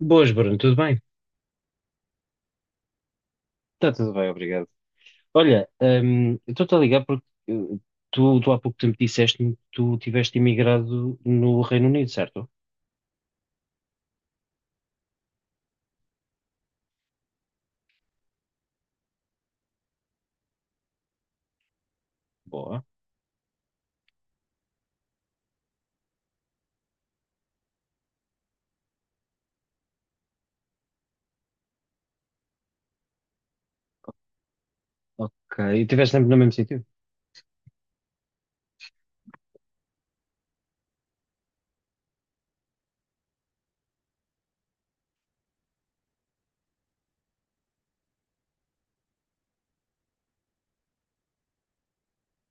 Boas, Bruno, tudo bem? Está tudo bem, obrigado. Olha, eu estou-te a ligar porque tu há pouco tempo disseste-me que tu tiveste imigrado no Reino Unido, certo? Boa, ok. E estiveste sempre no mesmo sítio?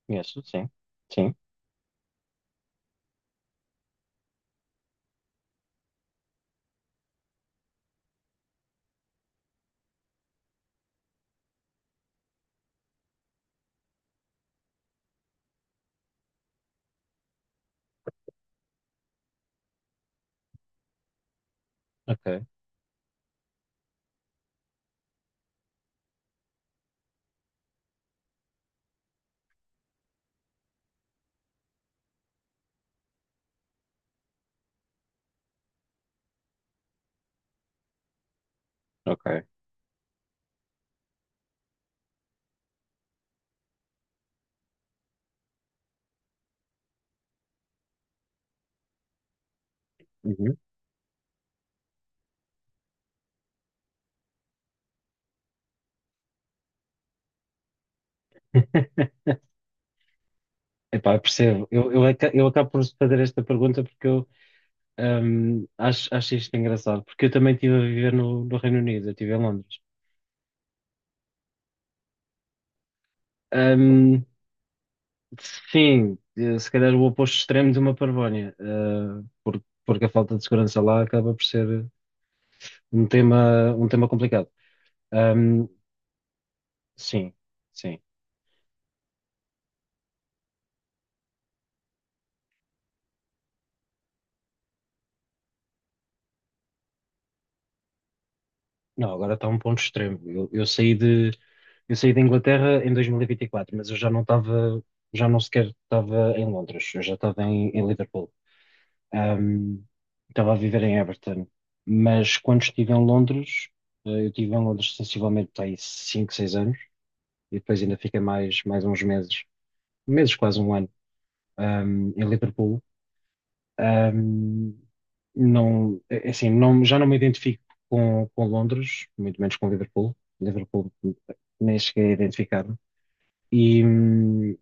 Conheço, sim, sim, ok, ok. Uhum. Epá, eu percebo. Eu acabo por fazer esta pergunta porque eu acho isto engraçado, porque eu também estive a viver no Reino Unido, eu estive em Londres. Hum, Sim, se calhar o oposto extremo de uma parvónia, porque a falta de segurança lá acaba por ser um tema complicado. Ahm, sim, sim. Não, agora está um ponto extremo. Eu saí da Inglaterra em 2024, mas eu já não estava, já não sequer estava em Londres, eu já estava em, em Liverpool. Ahm, estava a viver em Everton, mas quando estive em Londres, eu estive em Londres sensivelmente há 5 6 anos, e depois ainda fiquei mais uns meses, meses, quase um ano, em Liverpool. Ahm, não, assim, não, já não me identifico com Londres, muito menos com Liverpool. Liverpool nem cheguei a identificar-me. E, hum,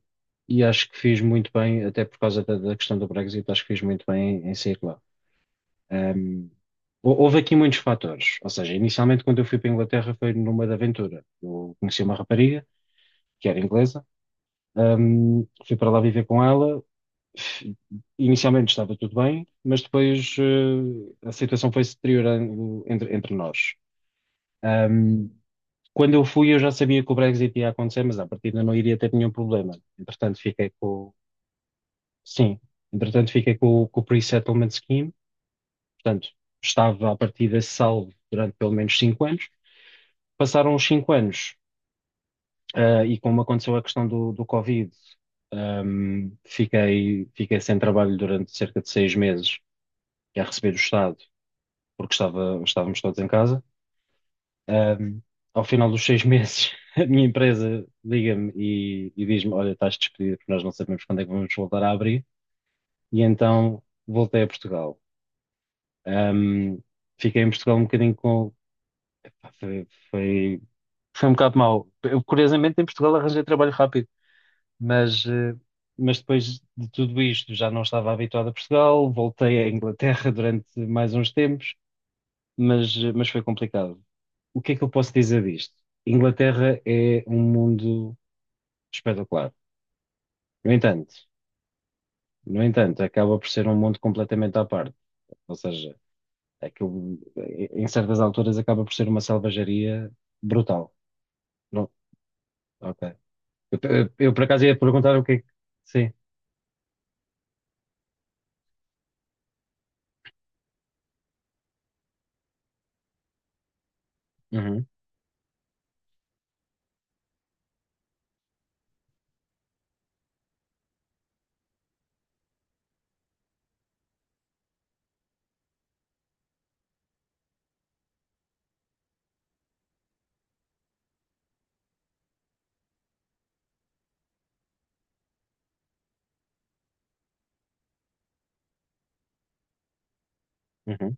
e acho que fiz muito bem, até por causa da questão do Brexit. Acho que fiz muito bem em, em sair lá. Ahm, houve aqui muitos fatores. Ou seja, inicialmente quando eu fui para a Inglaterra foi numa de aventura. Eu conheci uma rapariga que era inglesa. Um, fui para lá viver com ela. Inicialmente estava tudo bem, mas depois a situação foi se deteriorando entre nós. Um, quando eu fui, eu já sabia que o Brexit ia acontecer, mas à partida não iria ter nenhum problema. Entretanto, fiquei com, sim, entretanto, fiquei com o Pre-Settlement Scheme. Portanto, estava à partida salvo durante pelo menos cinco anos. Passaram os cinco anos. Ah, e como aconteceu a questão do Covid, fiquei, fiquei sem trabalho durante cerca de seis meses a receber do Estado, porque estava, estávamos todos em casa. Ahm, ao final dos seis meses, a minha empresa liga-me e diz-me: "Olha, estás despedido, porque nós não sabemos quando é que vamos voltar a abrir." E então voltei a Portugal. Ahm, fiquei em Portugal um bocadinho com. Pá, foi, foi, foi um bocado mau. Eu, curiosamente, em Portugal arranjei trabalho rápido. Mas, mas depois de tudo isto já não estava habituado a Portugal, voltei à Inglaterra durante mais uns tempos, mas, mas foi complicado. O que é que eu posso dizer disto? Inglaterra é um mundo espetacular. No entanto, no entanto, acaba por ser um mundo completamente à parte. Ou seja, aquilo, em certas alturas acaba por ser uma selvageria brutal. Não, ok. Eu, por acaso ia perguntar o que é que... Sim. Uhum, uhum.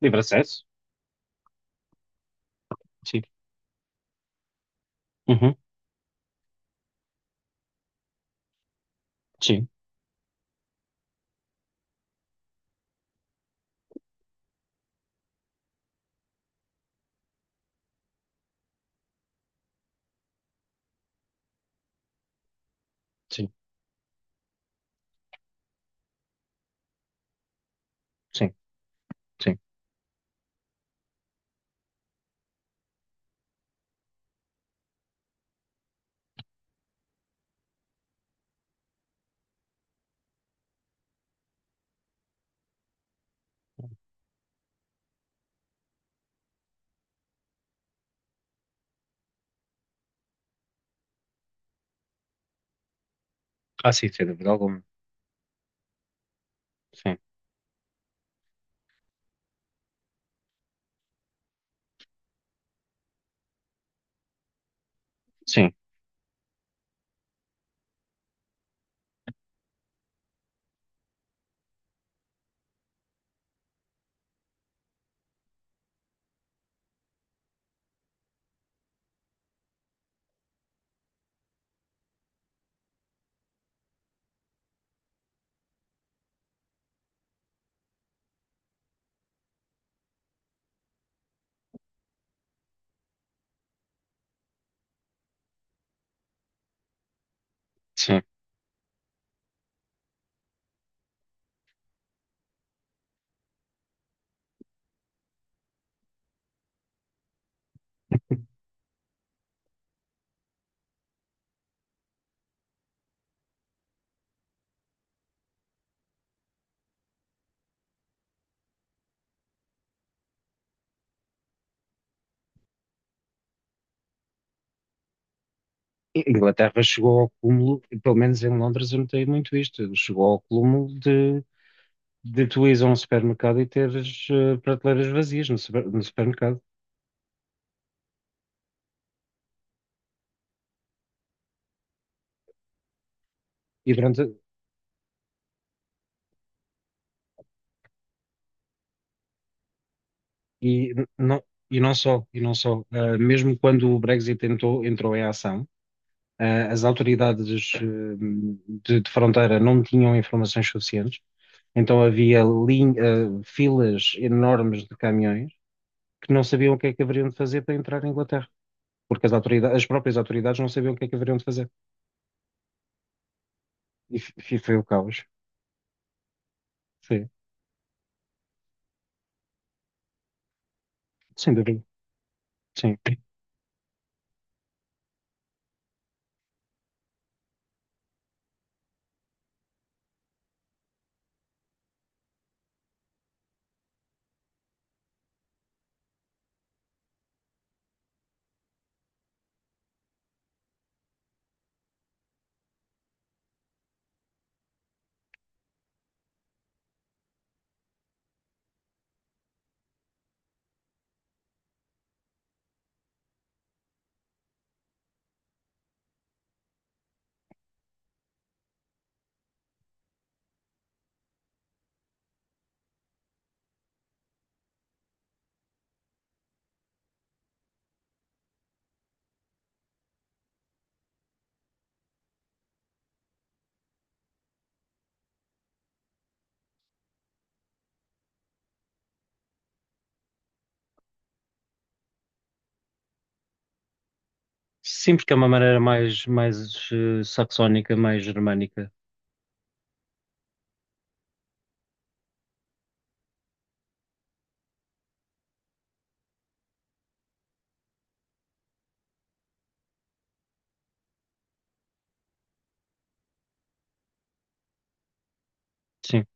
Livre acesso? Sim. Uhum, sim. Sim, sim, sim. Ah, sim, sem dúvida alguma. Sim, sim, sim. Inglaterra chegou ao cúmulo, e pelo menos em Londres eu notei muito isto, chegou ao cúmulo de tu ires a um supermercado e teres prateleiras vazias no supermercado. E, durante, não, e não só, e não só. Ah, mesmo quando o Brexit entrou, entrou em ação, ah, as autoridades de fronteira não tinham informações suficientes, então havia ah, filas enormes de caminhões que não sabiam o que é que haveriam de fazer para entrar na Inglaterra, porque as autoridades, as próprias autoridades não sabiam o que é que haveriam de fazer. E foi o caos. Foi, sem dúvida. Sim. Sim, porque é uma maneira mais, mais saxónica, mais germânica. Sim,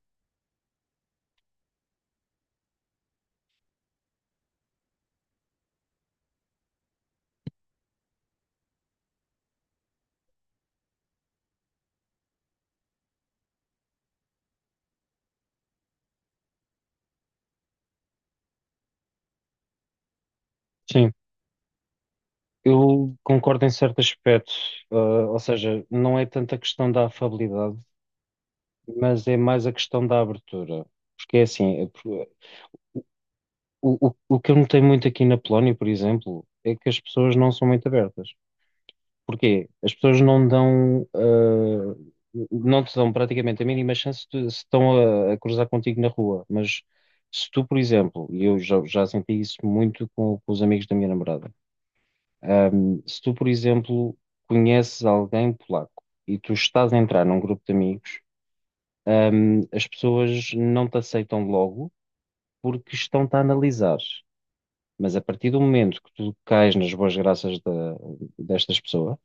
sim. Eu concordo em certo aspecto, ah, ou seja, não é tanto a questão da afabilidade, mas é mais a questão da abertura. Porque é assim, o que eu notei muito aqui na Polónia, por exemplo, é que as pessoas não são muito abertas. Porquê? As pessoas não dão, ah, não te dão praticamente a mínima chance de, se estão a cruzar contigo na rua. Mas se tu, por exemplo, e eu já senti isso muito com os amigos da minha namorada, ah, se tu, por exemplo, conheces alguém polaco e tu estás a entrar num grupo de amigos, ah, as pessoas não te aceitam logo porque estão-te a analisar. Mas a partir do momento que tu cais nas boas graças destas pessoas,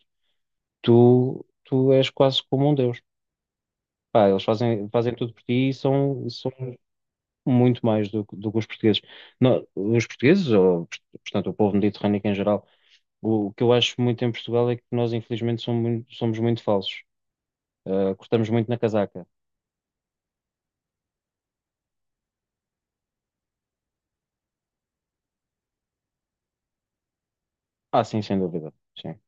tu és quase como um deus. Pá, eles fazem, fazem tudo por ti e são, são muito mais do que os portugueses. Não, os portugueses, ou, portanto, o povo mediterrâneo em geral, o que eu acho muito em Portugal é que nós, infelizmente, somos muito falsos. Ah, cortamos muito na casaca. Ah, sim, sem dúvida. Sim.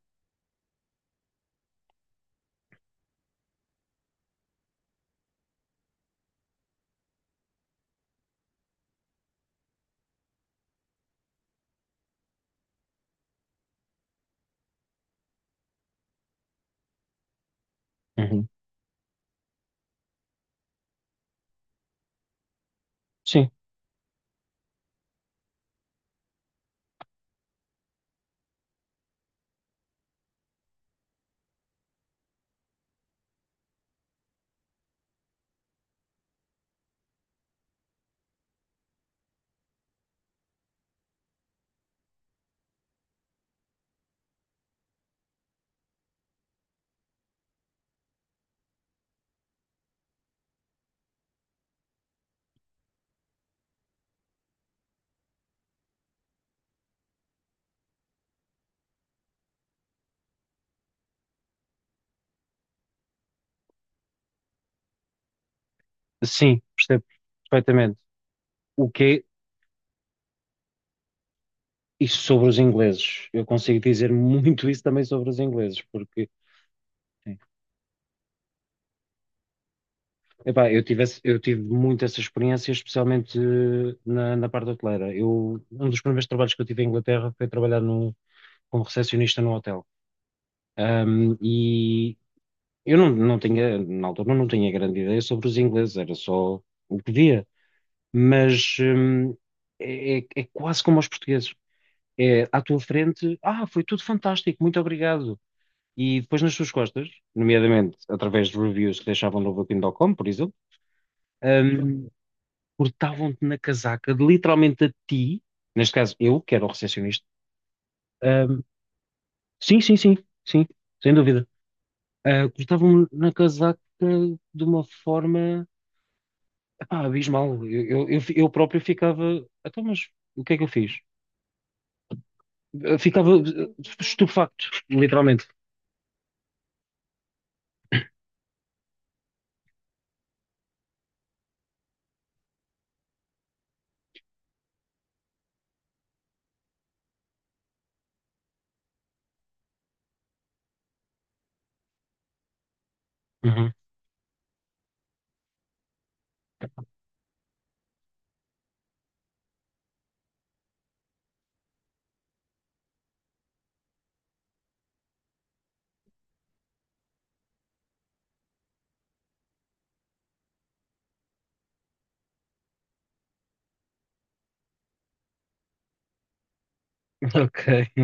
Uhum. Sim, sim, percebo perfeitamente. O que é isso sobre os ingleses? Eu consigo dizer muito isso também sobre os ingleses, porque. Epá, eu tive, eu tive muito essa experiência, especialmente na parte hoteleira. Eu, um dos primeiros trabalhos que eu tive em Inglaterra foi trabalhar no, como recepcionista num hotel. E eu não, não tinha, na altura, não tinha grande ideia sobre os ingleses, era só o que via. Mas é quase como aos portugueses. É à tua frente, ah, foi tudo fantástico, muito obrigado. E depois nas suas costas, nomeadamente através de reviews que deixavam no Booking.com, por exemplo, hum, cortavam-te na casaca, de literalmente a ti, neste caso eu, que era o recepcionista, ahm, sim, sim, sim, sim, sem dúvida. Ah, cortavam-me na casaca de uma forma, epá, abismal. Eu próprio ficava, então, mas o que é que eu fiz? Eu ficava estupefacto, literalmente. Uhum. Ok.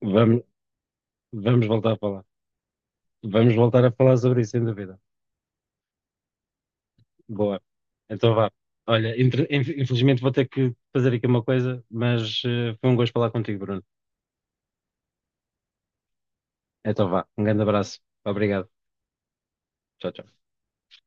Vamos, vamos voltar a falar. Vamos voltar a falar sobre isso, sem dúvida. Boa. Então vá. Olha, infelizmente vou ter que fazer aqui uma coisa, mas foi um gosto falar contigo, Bruno. Então vá. Um grande abraço. Obrigado. Tchau, tchau.